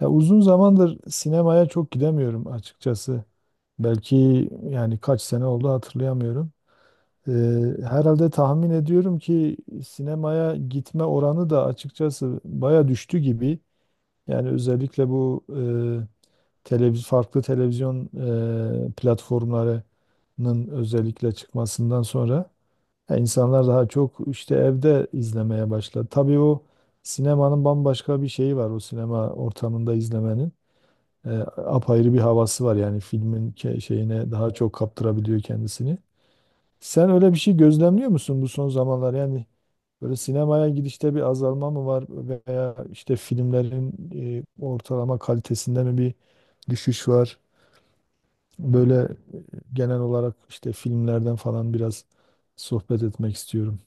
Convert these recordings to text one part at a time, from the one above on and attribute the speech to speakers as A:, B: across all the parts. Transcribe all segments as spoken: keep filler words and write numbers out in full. A: Ya uzun zamandır sinemaya çok gidemiyorum açıkçası. Belki yani kaç sene oldu hatırlayamıyorum. Ee, Herhalde tahmin ediyorum ki sinemaya gitme oranı da açıkçası baya düştü gibi. Yani özellikle bu e, televiz farklı televizyon e, platformlarının özellikle çıkmasından sonra ya insanlar daha çok işte evde izlemeye başladı. Tabii o sinemanın bambaşka bir şeyi var, o sinema ortamında izlemenin e, apayrı bir havası var. Yani filmin ke- şeyine daha çok kaptırabiliyor kendisini. Sen öyle bir şey gözlemliyor musun bu son zamanlar? Yani böyle sinemaya gidişte bir azalma mı var, veya işte filmlerin e, ortalama kalitesinde mi bir düşüş var? Böyle e, genel olarak işte filmlerden falan biraz sohbet etmek istiyorum.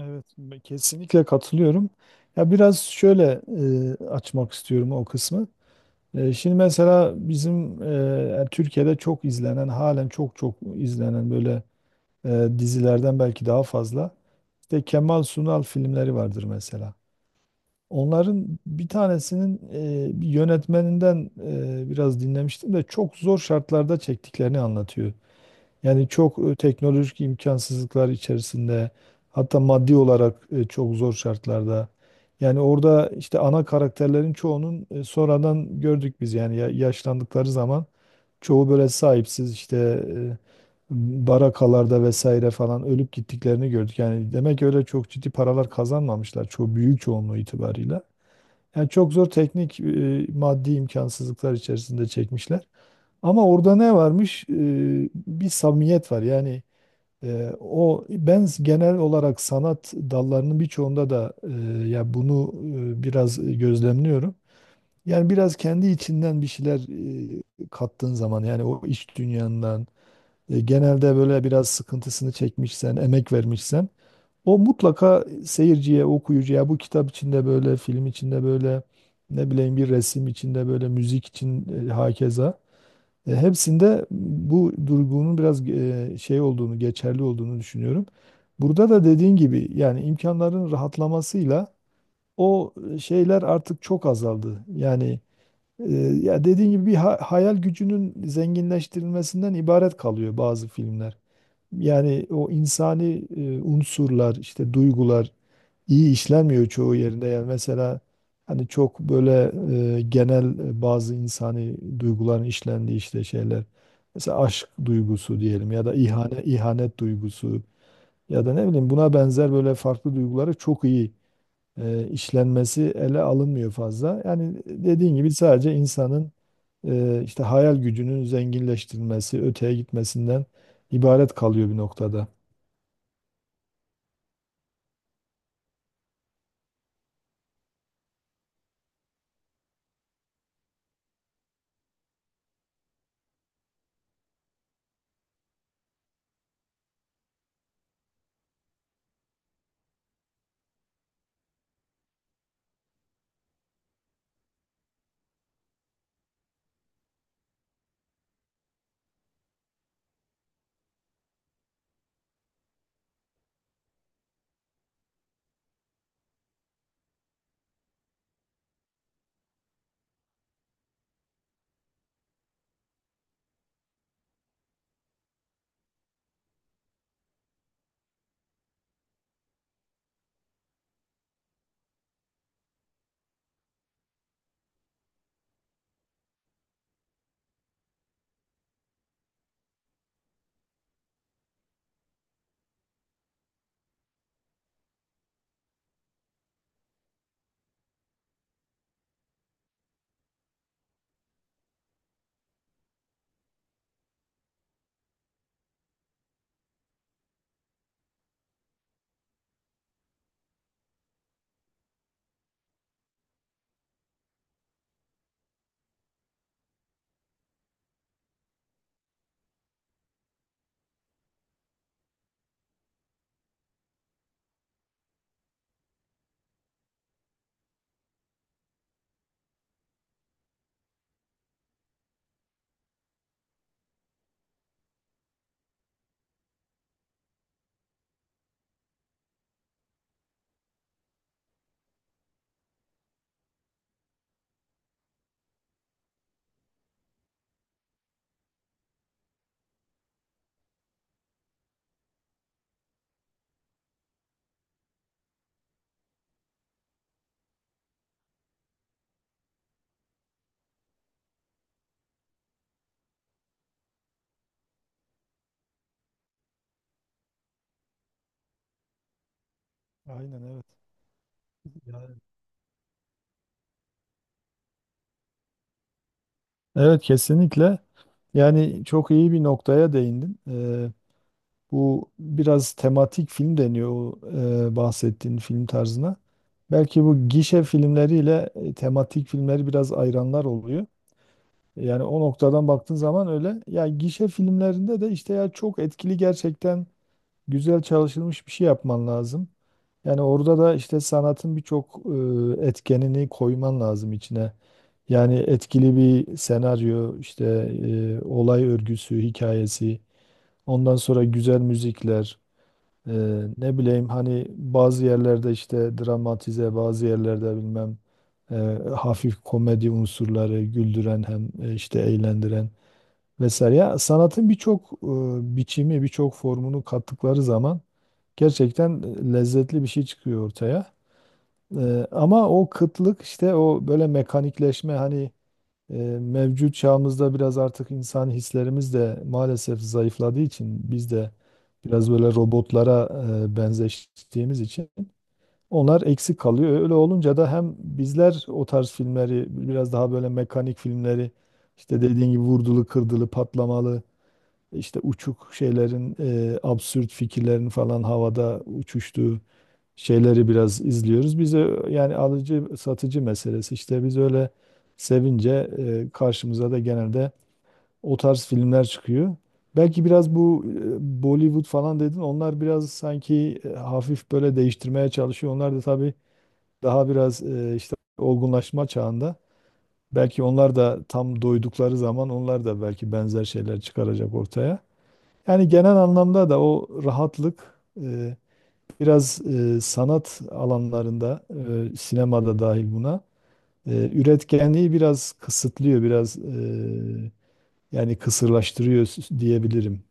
A: Evet, ben kesinlikle katılıyorum. Ya biraz şöyle e, açmak istiyorum o kısmı. E, Şimdi mesela bizim e, yani Türkiye'de çok izlenen, halen çok çok izlenen böyle e, dizilerden belki daha fazla. İşte Kemal Sunal filmleri vardır mesela. Onların bir tanesinin e, bir yönetmeninden e, biraz dinlemiştim de çok zor şartlarda çektiklerini anlatıyor. Yani çok e, teknolojik imkansızlıklar içerisinde, hatta maddi olarak e, çok zor şartlarda. Yani orada işte ana karakterlerin çoğunun e, sonradan gördük biz yani ya- yaşlandıkları zaman çoğu böyle sahipsiz işte e, barakalarda vesaire falan ölüp gittiklerini gördük. Yani demek ki öyle çok ciddi paralar kazanmamışlar çoğu, büyük çoğunluğu itibarıyla. Yani çok zor teknik e, maddi imkansızlıklar içerisinde çekmişler. Ama orada ne varmış? Ee, bir samimiyet var. Yani e, o ben genel olarak sanat dallarının birçoğunda da e, ya bunu e, biraz gözlemliyorum. Yani biraz kendi içinden bir şeyler e, kattığın zaman yani o iç dünyandan e, genelde böyle biraz sıkıntısını çekmişsen, emek vermişsen o mutlaka seyirciye, okuyucuya bu kitap içinde böyle, film içinde böyle, ne bileyim bir resim içinde böyle, müzik için e, hakeza. E, hepsinde bu durgunun biraz e, şey olduğunu, geçerli olduğunu düşünüyorum. Burada da dediğin gibi yani imkanların rahatlamasıyla o şeyler artık çok azaldı. Yani e, ya dediğin gibi bir ha- hayal gücünün zenginleştirilmesinden ibaret kalıyor bazı filmler. Yani o insani e, unsurlar, işte duygular iyi işlenmiyor çoğu yerinde. Yani mesela hani çok böyle e, genel e, bazı insani duyguların işlendiği işte şeyler. Mesela aşk duygusu diyelim ya da ihane, ihanet duygusu ya da ne bileyim buna benzer böyle farklı duyguları çok iyi e, işlenmesi ele alınmıyor fazla. Yani dediğin gibi sadece insanın e, işte hayal gücünün zenginleştirilmesi, öteye gitmesinden ibaret kalıyor bir noktada. Aynen evet. Yani evet kesinlikle. Yani çok iyi bir noktaya değindin. Ee, bu biraz tematik film deniyor o e, bahsettiğin film tarzına. Belki bu gişe filmleriyle e, tematik filmleri biraz ayıranlar oluyor. Yani o noktadan baktığın zaman öyle. Ya gişe filmlerinde de işte ya çok etkili, gerçekten güzel çalışılmış bir şey yapman lazım. Yani orada da işte sanatın birçok e, etkenini koyman lazım içine. Yani etkili bir senaryo, işte e, olay örgüsü, hikayesi, ondan sonra güzel müzikler, e, ne bileyim hani bazı yerlerde işte dramatize, bazı yerlerde bilmem e, hafif komedi unsurları güldüren, hem e, işte eğlendiren vesaire. Ya sanatın birçok e, biçimi, birçok formunu kattıkları zaman gerçekten e, lezzetli bir şey çıkıyor ortaya. E, ama o kıtlık işte, o böyle mekanikleşme hani e, mevcut çağımızda biraz artık insan hislerimiz de maalesef zayıfladığı için biz de biraz böyle robotlara e, benzeştiğimiz için onlar eksik kalıyor. Öyle olunca da hem bizler o tarz filmleri, biraz daha böyle mekanik filmleri, işte dediğin gibi vurdulu, kırdılı, patlamalı, işte uçuk şeylerin, e, absürt fikirlerin falan havada uçuştuğu şeyleri biraz izliyoruz. Bize yani alıcı satıcı meselesi, işte biz öyle sevince e, karşımıza da genelde o tarz filmler çıkıyor. Belki biraz bu e, Bollywood falan dedin, onlar biraz sanki e, hafif böyle değiştirmeye çalışıyor. Onlar da tabii daha biraz e, işte olgunlaşma çağında. Belki onlar da tam doydukları zaman onlar da belki benzer şeyler çıkaracak ortaya. Yani genel anlamda da o rahatlık e, biraz e, sanat alanlarında, e, sinemada dahil buna, e, üretkenliği biraz kısıtlıyor, biraz e, yani kısırlaştırıyor s- diyebilirim.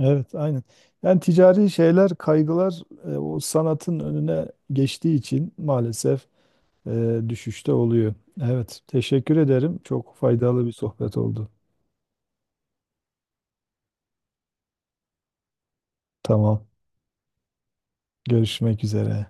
A: Evet, aynen. Yani ticari şeyler, kaygılar e, o sanatın önüne geçtiği için maalesef e, düşüşte oluyor. Evet, teşekkür ederim. Çok faydalı bir sohbet oldu. Tamam, görüşmek üzere.